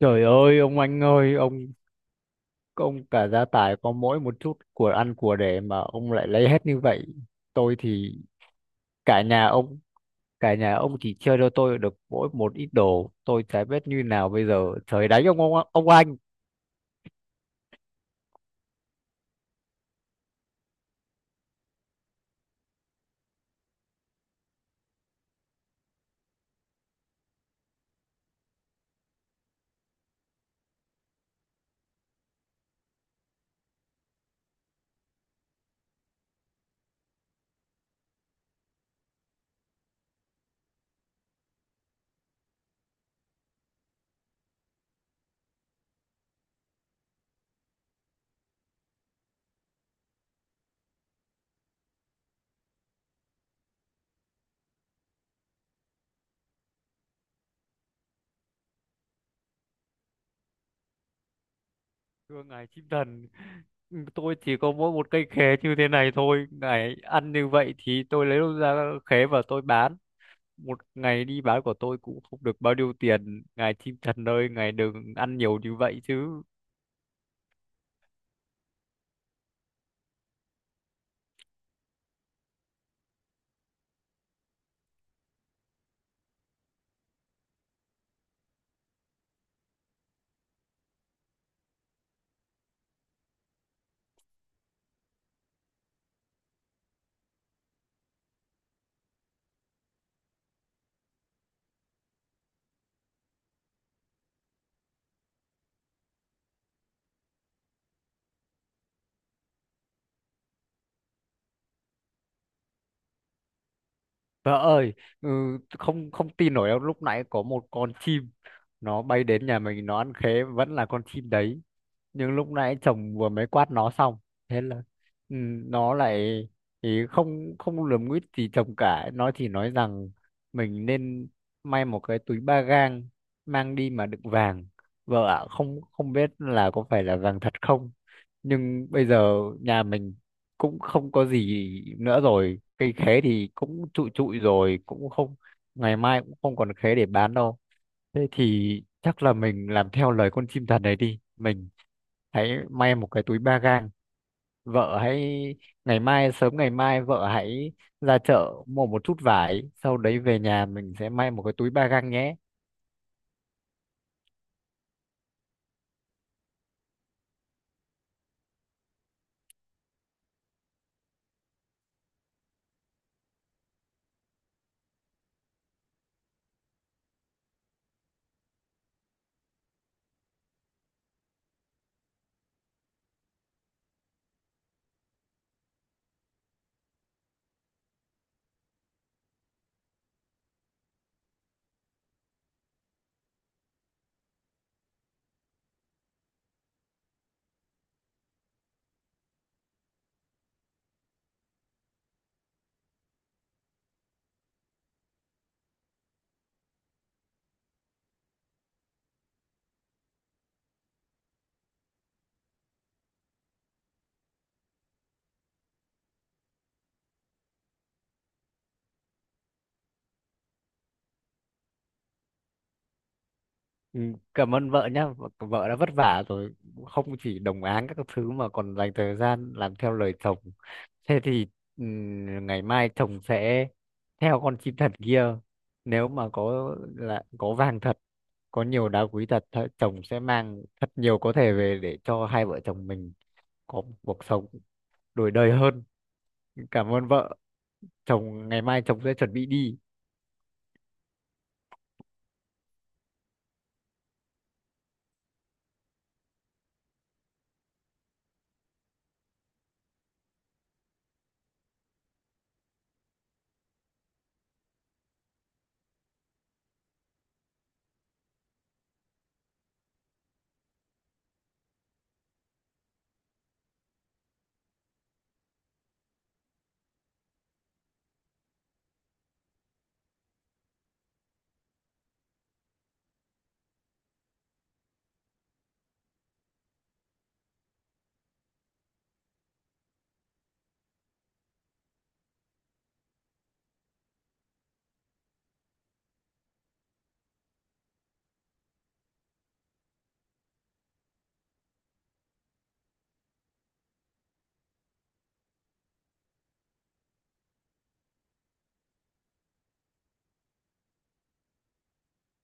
Trời ơi ông anh ơi, ông cả gia tài có mỗi một chút của ăn của để mà ông lại lấy hết như vậy. Tôi thì, cả nhà ông cả nhà ông chỉ chơi cho tôi được mỗi một ít đồ, tôi chả biết như nào bây giờ. Trời đánh ông, ông anh. Thưa ngài chim thần, tôi chỉ có mỗi một cây khế như thế này thôi, ngài ăn như vậy thì tôi lấy đâu ra khế và tôi bán? Một ngày đi bán của tôi cũng không được bao nhiêu tiền, ngài chim thần ơi, ngài đừng ăn nhiều như vậy chứ. Vợ ơi, ừ, không không tin nổi đâu, lúc nãy có một con chim, nó bay đến nhà mình nó ăn khế, vẫn là con chim đấy nhưng lúc nãy chồng vừa mới quát nó xong. Thế là, ừ, nó lại thì không không lườm nguýt gì chồng cả, nó chỉ nói rằng mình nên may một cái túi ba gang mang đi mà đựng vàng. Vợ ạ, không không biết là có phải là vàng thật không, nhưng bây giờ nhà mình cũng không có gì nữa rồi, cây khế thì cũng trụi trụi rồi, cũng không, ngày mai cũng không còn khế để bán đâu. Thế thì chắc là mình làm theo lời con chim thần đấy đi. Mình hãy may một cái túi ba gang. Vợ hãy, ngày mai vợ hãy ra chợ mua một chút vải, sau đấy về nhà mình sẽ may một cái túi ba gang nhé. Ừ, cảm ơn vợ nhá, vợ vợ đã vất vả rồi, không chỉ đồng áng các thứ mà còn dành thời gian làm theo lời chồng. Thế thì, ngày mai chồng sẽ theo con chim thật kia, nếu mà có vàng thật, có nhiều đá quý thật, chồng sẽ mang thật nhiều có thể về để cho hai vợ chồng mình có một cuộc sống đổi đời hơn. Cảm ơn vợ, ngày mai chồng sẽ chuẩn bị đi.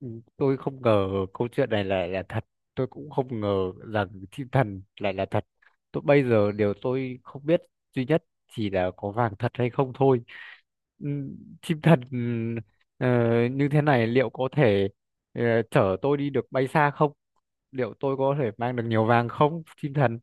Ừ, tôi không ngờ câu chuyện này là thật, tôi cũng không ngờ rằng thiên thần lại là thật. Tôi bây giờ điều tôi không biết duy nhất chỉ là có vàng thật hay không thôi. Ừm, chim thần, ờ, như thế này liệu có thể, ờ, chở tôi đi được bay xa không? Liệu tôi có thể mang được nhiều vàng không, chim thần?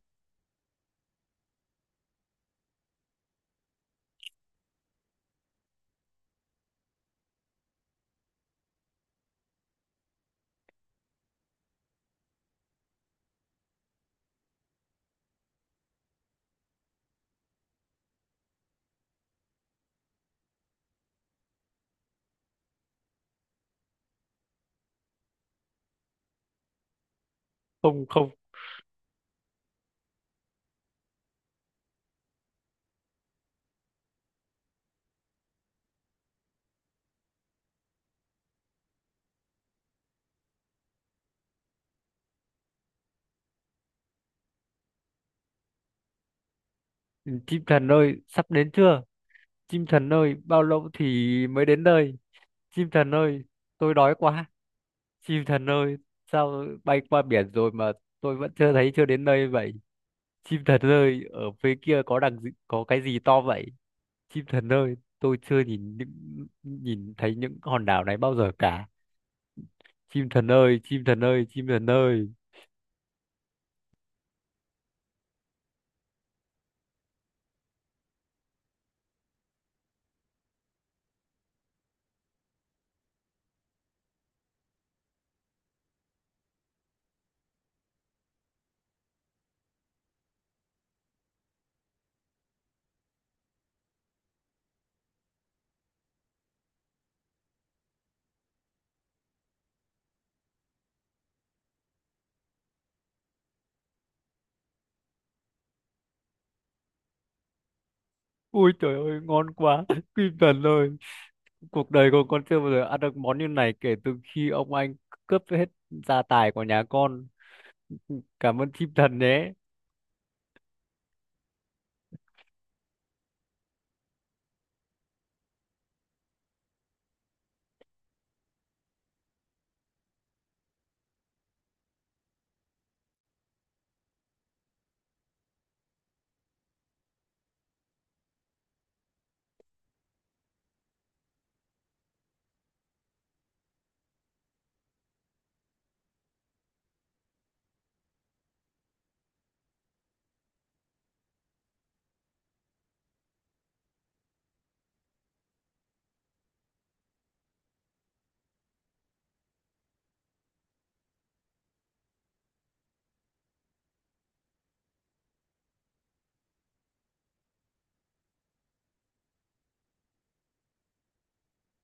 Không, không. Chim thần ơi, sắp đến chưa? Chim thần ơi, bao lâu thì mới đến nơi? Chim thần ơi, tôi đói quá. Chim thần ơi, sao bay qua biển rồi mà tôi vẫn chưa thấy, chưa đến nơi vậy? Chim thần ơi, ở phía kia có đằng gì, có cái gì to vậy? Chim thần ơi, tôi chưa nhìn thấy những hòn đảo này bao giờ cả. Chim thần ơi, chim thần ơi, chim thần ơi. Ui trời ơi ngon quá chim thần ơi, cuộc đời của con chưa bao giờ ăn được món như này kể từ khi ông anh cướp hết gia tài của nhà con. Cảm ơn chim thần nhé.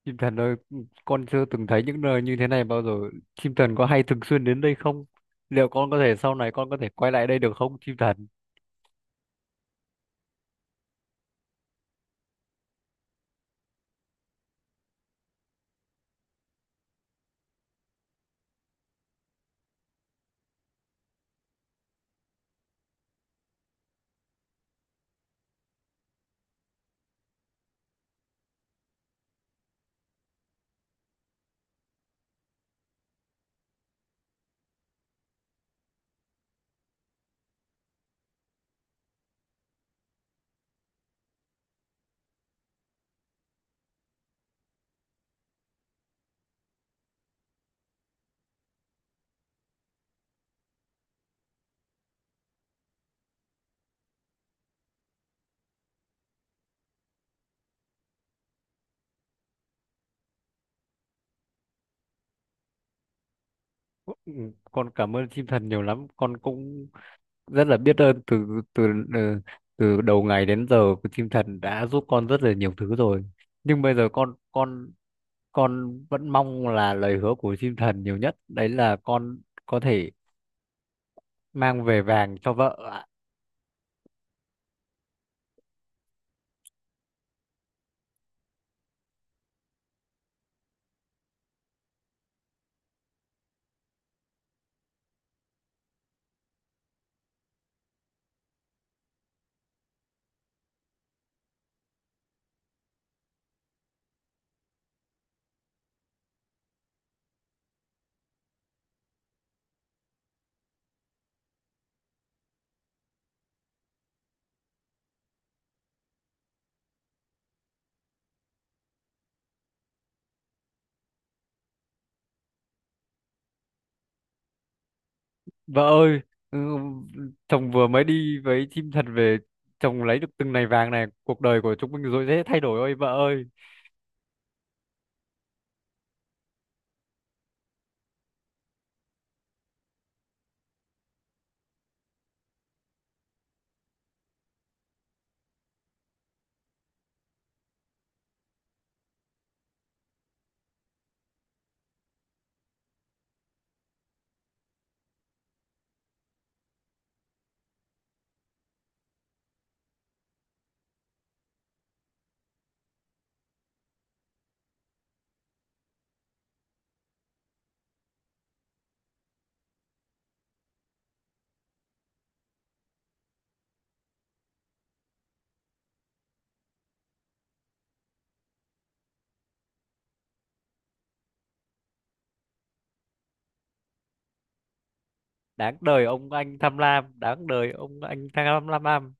Chim thần ơi, con chưa từng thấy những nơi như thế này bao giờ. Chim thần có hay thường xuyên đến đây không? Liệu con có thể, sau này con có thể quay lại đây được không, chim thần? Ừ, con cảm ơn chim thần nhiều lắm. Con cũng rất là biết ơn, từ từ ừ, từ đầu ngày đến giờ của chim thần đã giúp con rất là nhiều thứ rồi. Nhưng bây giờ con con vẫn mong là lời hứa của chim thần nhiều nhất đấy, là con có thể mang về vàng cho vợ ạ. Vợ ơi, ừ, chồng vừa mới đi với chim thật về, chồng lấy được từng này vàng này, cuộc đời của chúng mình rồi dễ thay đổi ơi vợ ơi. Đáng đời ông anh tham lam, đáng đời ông anh tham lam.